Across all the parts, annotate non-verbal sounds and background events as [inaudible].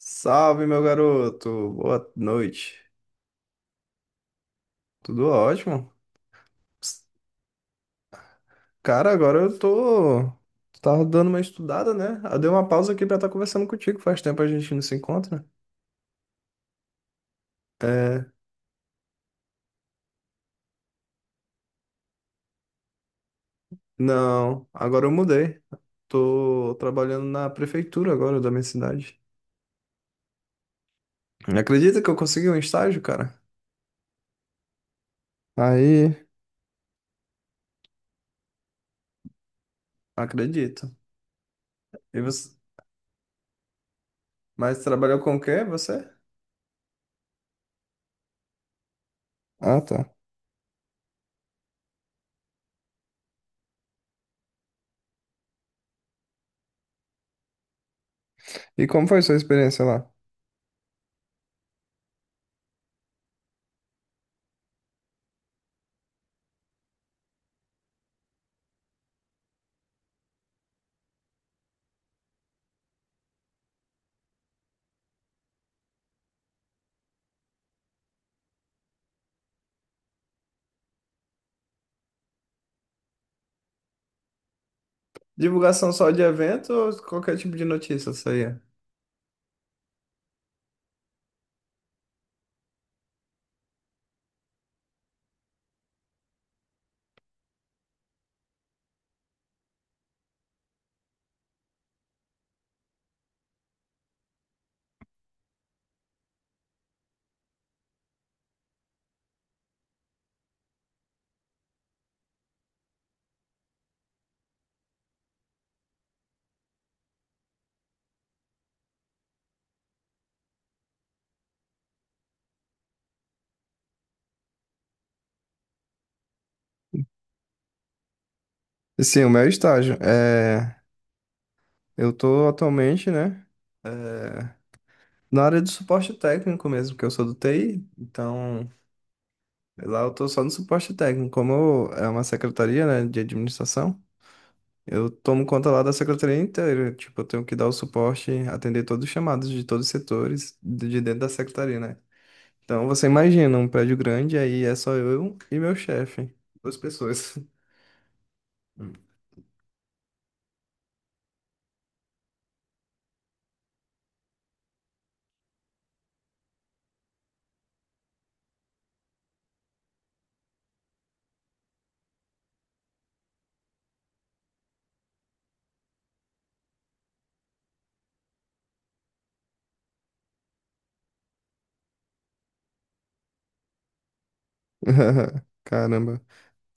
Salve, meu garoto. Boa noite. Tudo ótimo? Ps, Cara, agora eu tô. Tava dando uma estudada, né? Eu dei uma pausa aqui pra estar conversando contigo. Faz tempo a gente não se encontra. É, não, agora eu mudei. Tô trabalhando na prefeitura agora da minha cidade. Acredita que eu consegui um estágio, cara? Aí, acredito. E você... Mas trabalhou com o quê, você? Ah, tá. E como foi sua experiência lá? Divulgação só de evento ou qualquer tipo de notícia, isso aí? Sim, o meu estágio. É, eu tô atualmente, né? é, Na área do suporte técnico mesmo, que eu sou do TI, então lá eu tô só no suporte técnico. É uma secretaria, né, de administração, eu tomo conta lá da secretaria inteira. Tipo, eu tenho que dar o suporte, atender todos os chamados de todos os setores de dentro da secretaria, né? Então você imagina um prédio grande, aí é só eu e meu chefe, duas pessoas. [laughs] Caramba.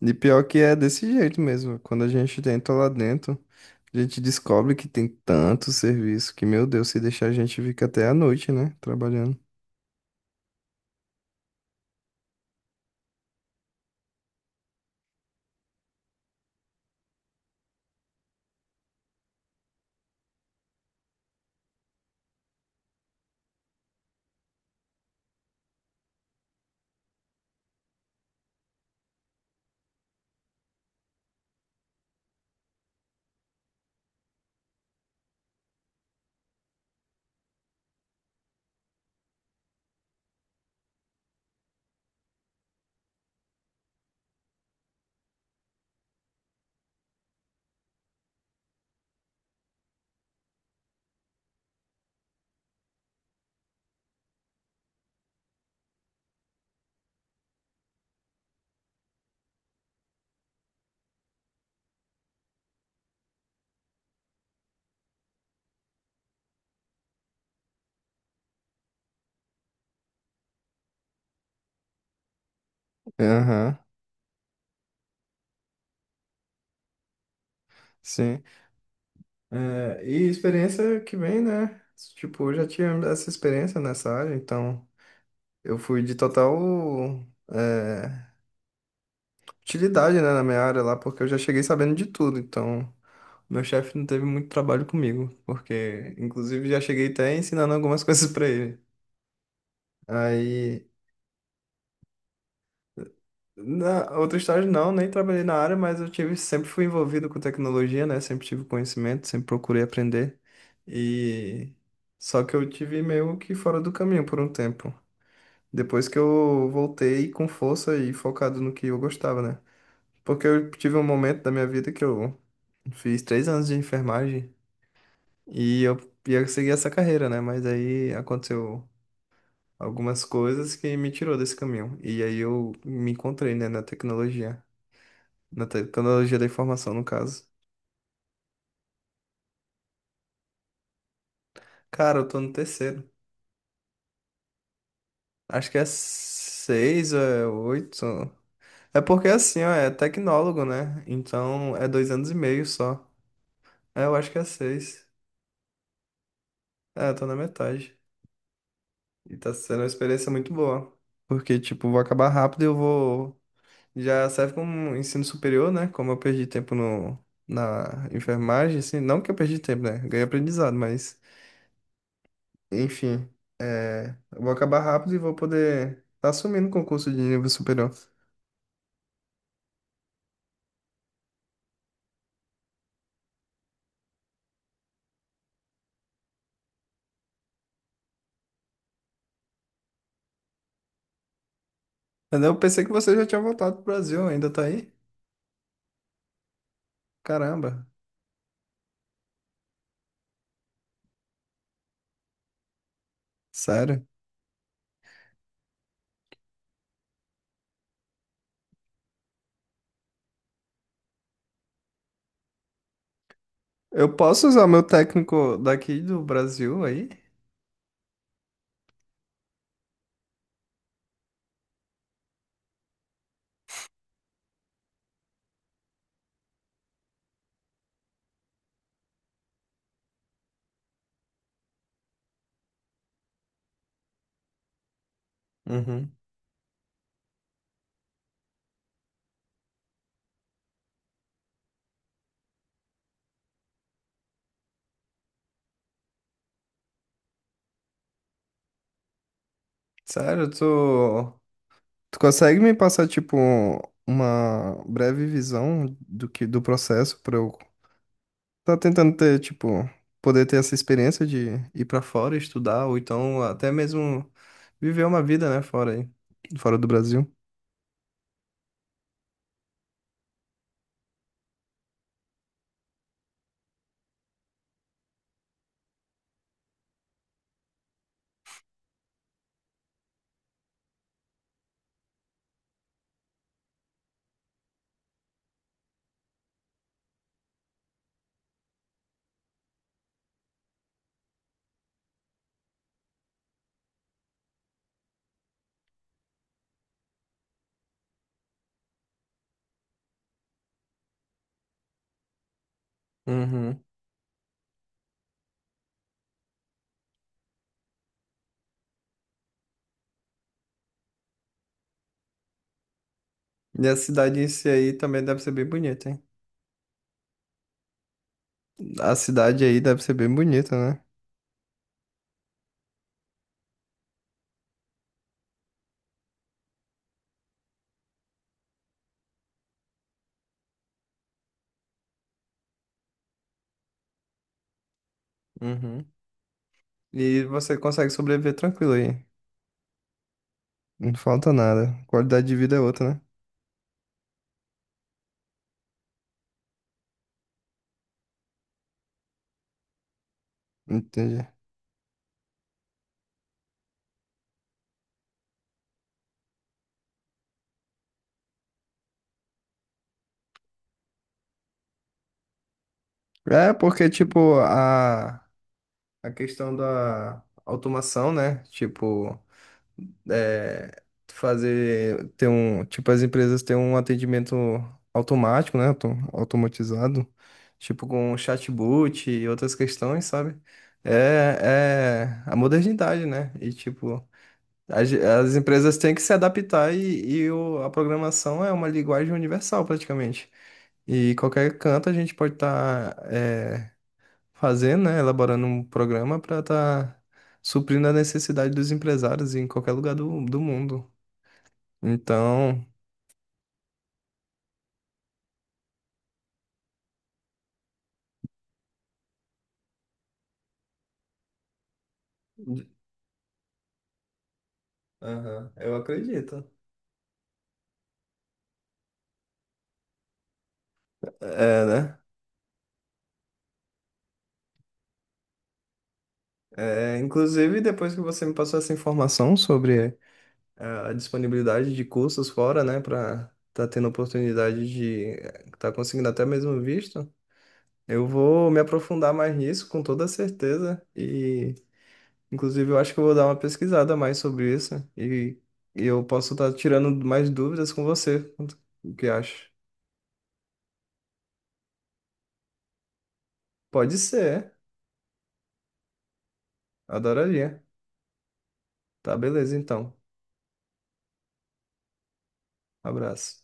E pior que é desse jeito mesmo. Quando a gente tenta lá dentro, a gente descobre que tem tanto serviço que, meu Deus, se deixar a gente fica até a noite, né? Trabalhando. Aham, sim. É, e experiência que vem, né? Tipo, eu já tinha essa experiência nessa área, então eu fui de total é, utilidade, né, na minha área lá, porque eu já cheguei sabendo de tudo, então. Meu chefe não teve muito trabalho comigo, porque inclusive já cheguei até ensinando algumas [laughs] coisas pra ele. Aí na outra estágio não, nem trabalhei na área, mas eu tive, sempre fui envolvido com tecnologia, né? Sempre tive conhecimento, sempre procurei aprender. E só que eu tive meio que fora do caminho por um tempo. Depois que eu voltei com força e focado no que eu gostava, né? Porque eu tive um momento da minha vida que eu fiz 3 anos de enfermagem e eu ia seguir essa carreira, né? Mas aí aconteceu algumas coisas que me tirou desse caminho. E aí eu me encontrei, né, na tecnologia. Tecnologia da informação, no caso. Cara, eu tô no terceiro. Acho que é seis ou é oito. É porque assim, ó, é tecnólogo, né? Então é 2 anos e meio só. É, eu acho que é seis. É, eu tô na metade. E tá sendo uma experiência muito boa. Porque, tipo, vou acabar rápido e eu vou. Já serve como um ensino superior, né? Como eu perdi tempo no... na enfermagem, assim. Não que eu perdi tempo, né? Ganhei aprendizado, mas. Enfim, é, eu vou acabar rápido e vou poder tá assumindo o concurso de nível superior. Mas eu pensei que você já tinha voltado pro Brasil, ainda tá aí? Caramba, sério. Eu posso usar meu técnico daqui do Brasil aí? Uhum. Sério, tu consegue me passar, tipo, uma breve visão do que do processo para eu tá tentando ter, tipo, poder ter essa experiência de ir pra fora estudar, ou então até mesmo viver uma vida, né, fora aí, fora do Brasil. Uhum. E a cidade em si aí também deve ser bem bonita, hein? A cidade aí deve ser bem bonita, né? Uhum. E você consegue sobreviver tranquilo aí. Não falta nada. Qualidade de vida é outra, né? Entendi. É, porque, tipo, a questão da automação, né? Tipo. é, Fazer ter um tipo as empresas têm um atendimento automático, né, automatizado, tipo com chatbot e outras questões, sabe? É, é a modernidade, né? E tipo as empresas têm que se adaptar e, e a programação é uma linguagem universal praticamente. E qualquer canto a gente pode estar fazendo, né, elaborando um programa para estar suprindo a necessidade dos empresários em qualquer lugar do mundo. Então, aham, eu acredito. É, né? É, inclusive, depois que você me passou essa informação sobre é, a disponibilidade de cursos fora, né, para tá tendo oportunidade de tá conseguindo até mesmo visto, eu vou me aprofundar mais nisso com toda certeza e inclusive, eu acho que eu vou dar uma pesquisada mais sobre isso e eu posso estar tirando mais dúvidas com você. O que acha? Pode ser, adoraria. Tá, beleza, então. Abraço.